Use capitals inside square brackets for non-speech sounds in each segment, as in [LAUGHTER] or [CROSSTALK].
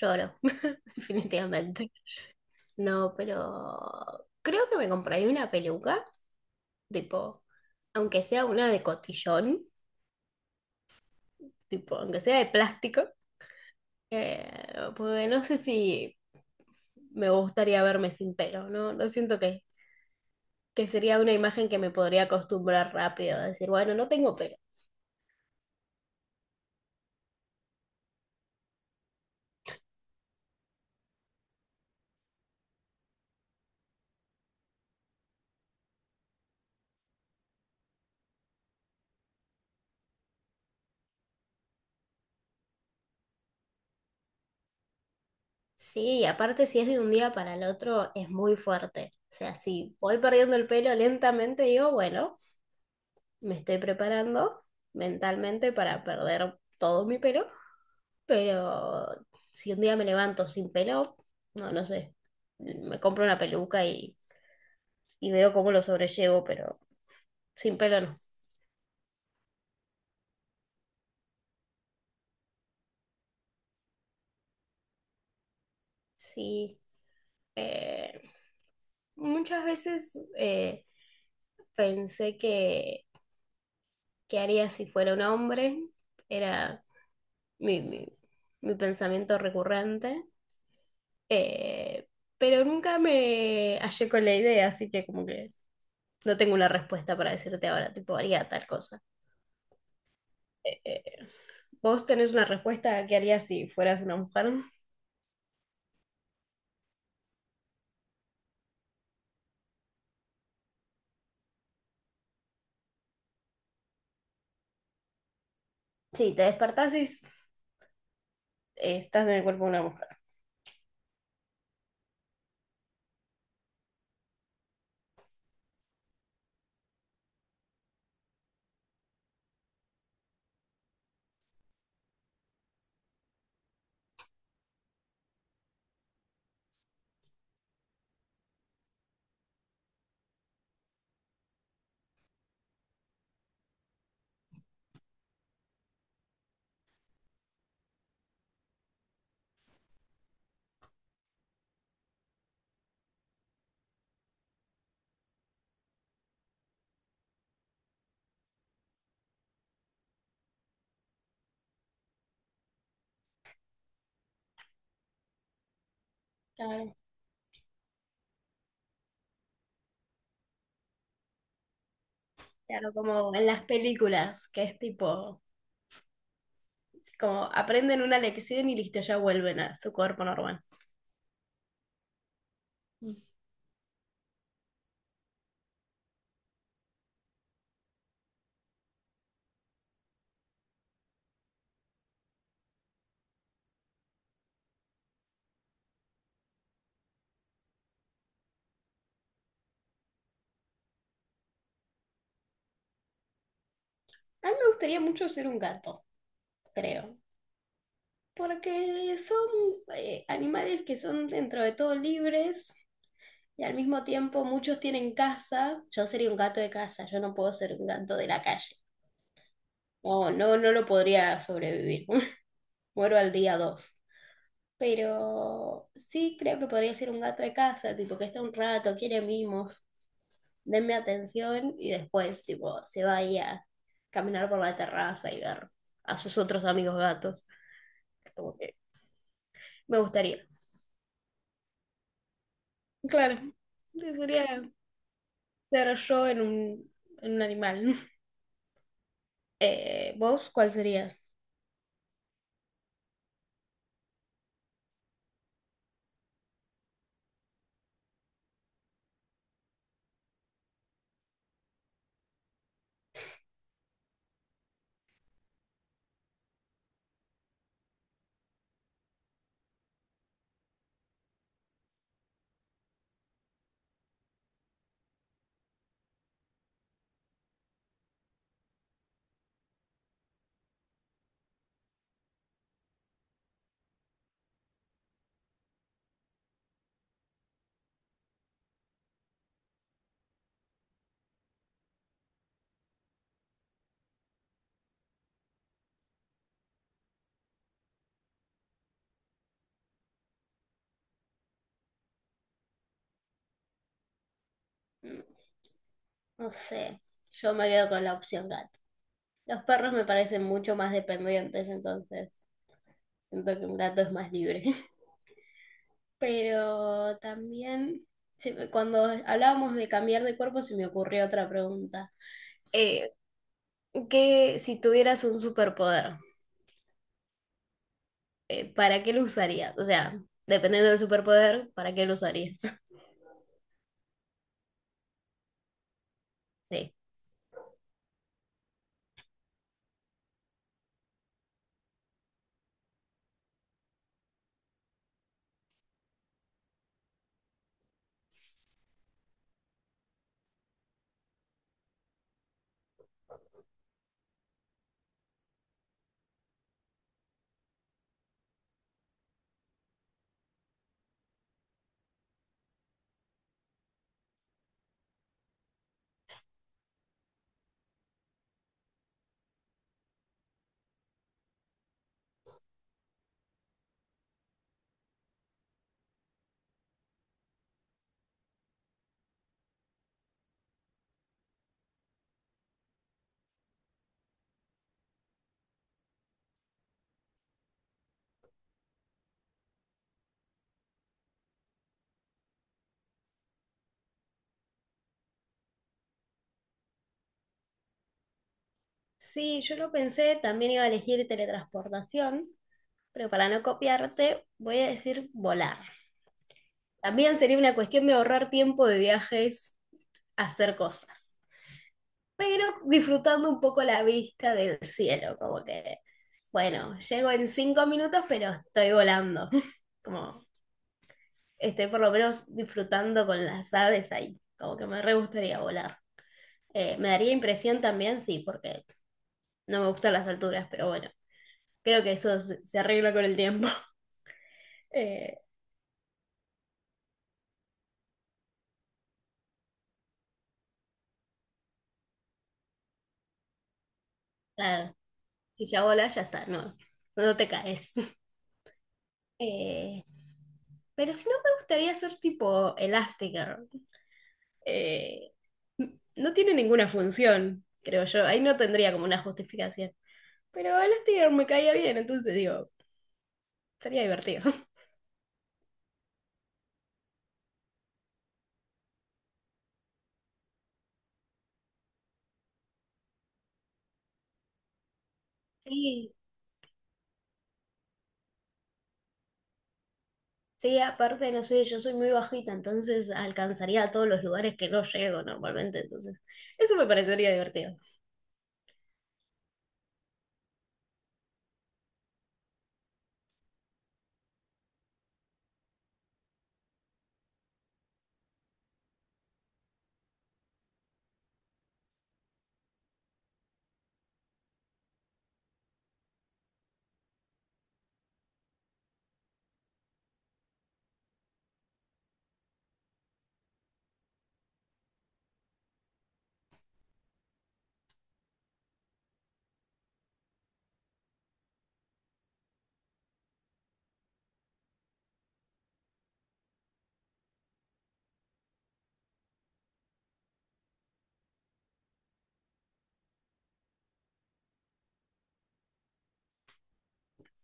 Lloro, [LAUGHS] definitivamente. No, pero creo que me compraría una peluca, tipo, aunque sea una de cotillón, tipo, aunque sea de plástico, eh, porque no sé si me gustaría verme sin pelo, ¿no? No siento que sería una imagen que me podría acostumbrar rápido, a decir, bueno, no tengo pelo. Sí, y aparte si es de un día para el otro, es muy fuerte. O sea, si voy perdiendo el pelo lentamente, digo, bueno. Me estoy preparando mentalmente para perder todo mi pelo, pero si un día me levanto sin pelo, no sé, me compro una peluca y veo cómo lo sobrellevo, pero sin pelo no. Sí, eh, muchas veces pensé que haría si fuera un hombre, era mi, mi, mi pensamiento recurrente, eh, pero nunca me hallé con la idea, así que como que no tengo una respuesta para decirte ahora, tipo, haría tal cosa. Eh, ¿Vos tenés una respuesta a qué harías si fueras una mujer? Sí, te despertás estás en el cuerpo de una mujer. Claro, claro, como en las películas, que es tipo, como aprenden una lección y listo, ya vuelven a su cuerpo normal. A mí me gustaría mucho ser un gato, creo, porque son animales que son dentro de todo libres y al mismo tiempo muchos tienen casa. Yo sería un gato de casa, yo no puedo ser un gato de la calle. No, no, no lo podría sobrevivir. [LAUGHS] Muero al día 2. Pero sí creo que podría ser un gato de casa, tipo que está un rato, quiere mimos, denme atención y después, tipo, se vaya a caminar por la terraza y ver a sus otros amigos gatos. Como que me gustaría. Claro, debería ser yo en en un animal. [LAUGHS] ¿Vos cuál serías? Mm, no sé, yo me quedo con la opción gato. Los perros me parecen mucho más dependientes, entonces siento que un gato es más libre. [LAUGHS] Pero también, cuando hablábamos de cambiar de cuerpo, se me ocurrió otra pregunta. Eh, ¿Qué, si tuvieras un superpoder, para qué lo usarías? O sea, dependiendo del superpoder, ¿para qué lo usarías? [LAUGHS] Sí. Sí, yo lo pensé, también iba a elegir teletransportación, pero para no copiarte, voy a decir volar. También sería una cuestión de ahorrar tiempo de viajes a hacer cosas, pero disfrutando un poco la vista del cielo, como que, bueno, llego en 5 minutos, pero estoy volando, [LAUGHS] como estoy por lo menos disfrutando con las aves ahí, como que me re gustaría volar. Me daría impresión también, sí, porque no me gustan las alturas, pero bueno, creo que se arregla con el tiempo. [LAUGHS] Eh, nada, si ya volas, ya está, no, no te caes. [LAUGHS] Eh, pero si no, me gustaría ser tipo Elastigirl, eh, no tiene ninguna función, creo yo. Ahí no tendría como una justificación. Pero Elastigirl me caía bien, entonces digo, sería divertido. [LAUGHS] Sí, sí, aparte, no sé, yo soy muy bajita, entonces alcanzaría a todos los lugares que no llego normalmente, entonces eso me parecería divertido.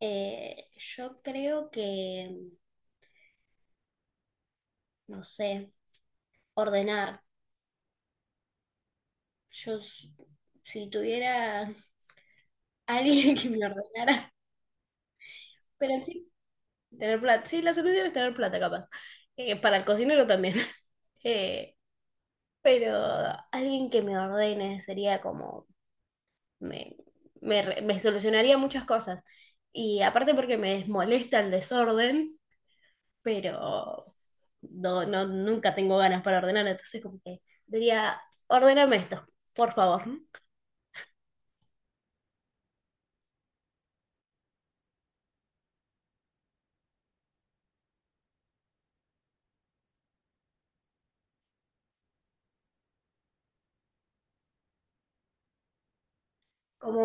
Eh, yo creo que, no sé, ordenar. Yo s- si tuviera [LAUGHS] alguien que me ordenara, pero en sí tener plata. Sí, la solución es tener plata, capaz. Para el cocinero también. [LAUGHS] Eh, pero alguien que me ordene sería como... Me, re- me solucionaría muchas cosas. Y aparte porque me molesta el desorden, pero no nunca tengo ganas para ordenar, entonces como que diría, ordéname esto, por favor. Como,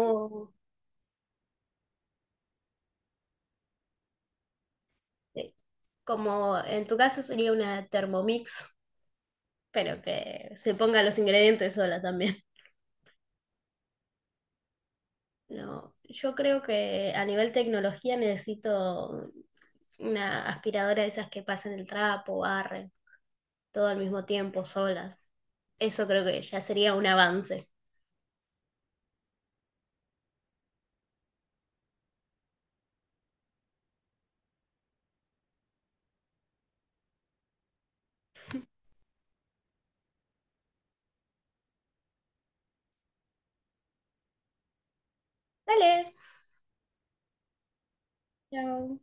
eh, como en tu caso sería una Thermomix, pero que se ponga los ingredientes sola también. No, yo creo que a nivel tecnología necesito una aspiradora de esas que pasan el trapo, barren, todo al mismo tiempo, solas. Eso creo que ya sería un avance. Dale. Chao.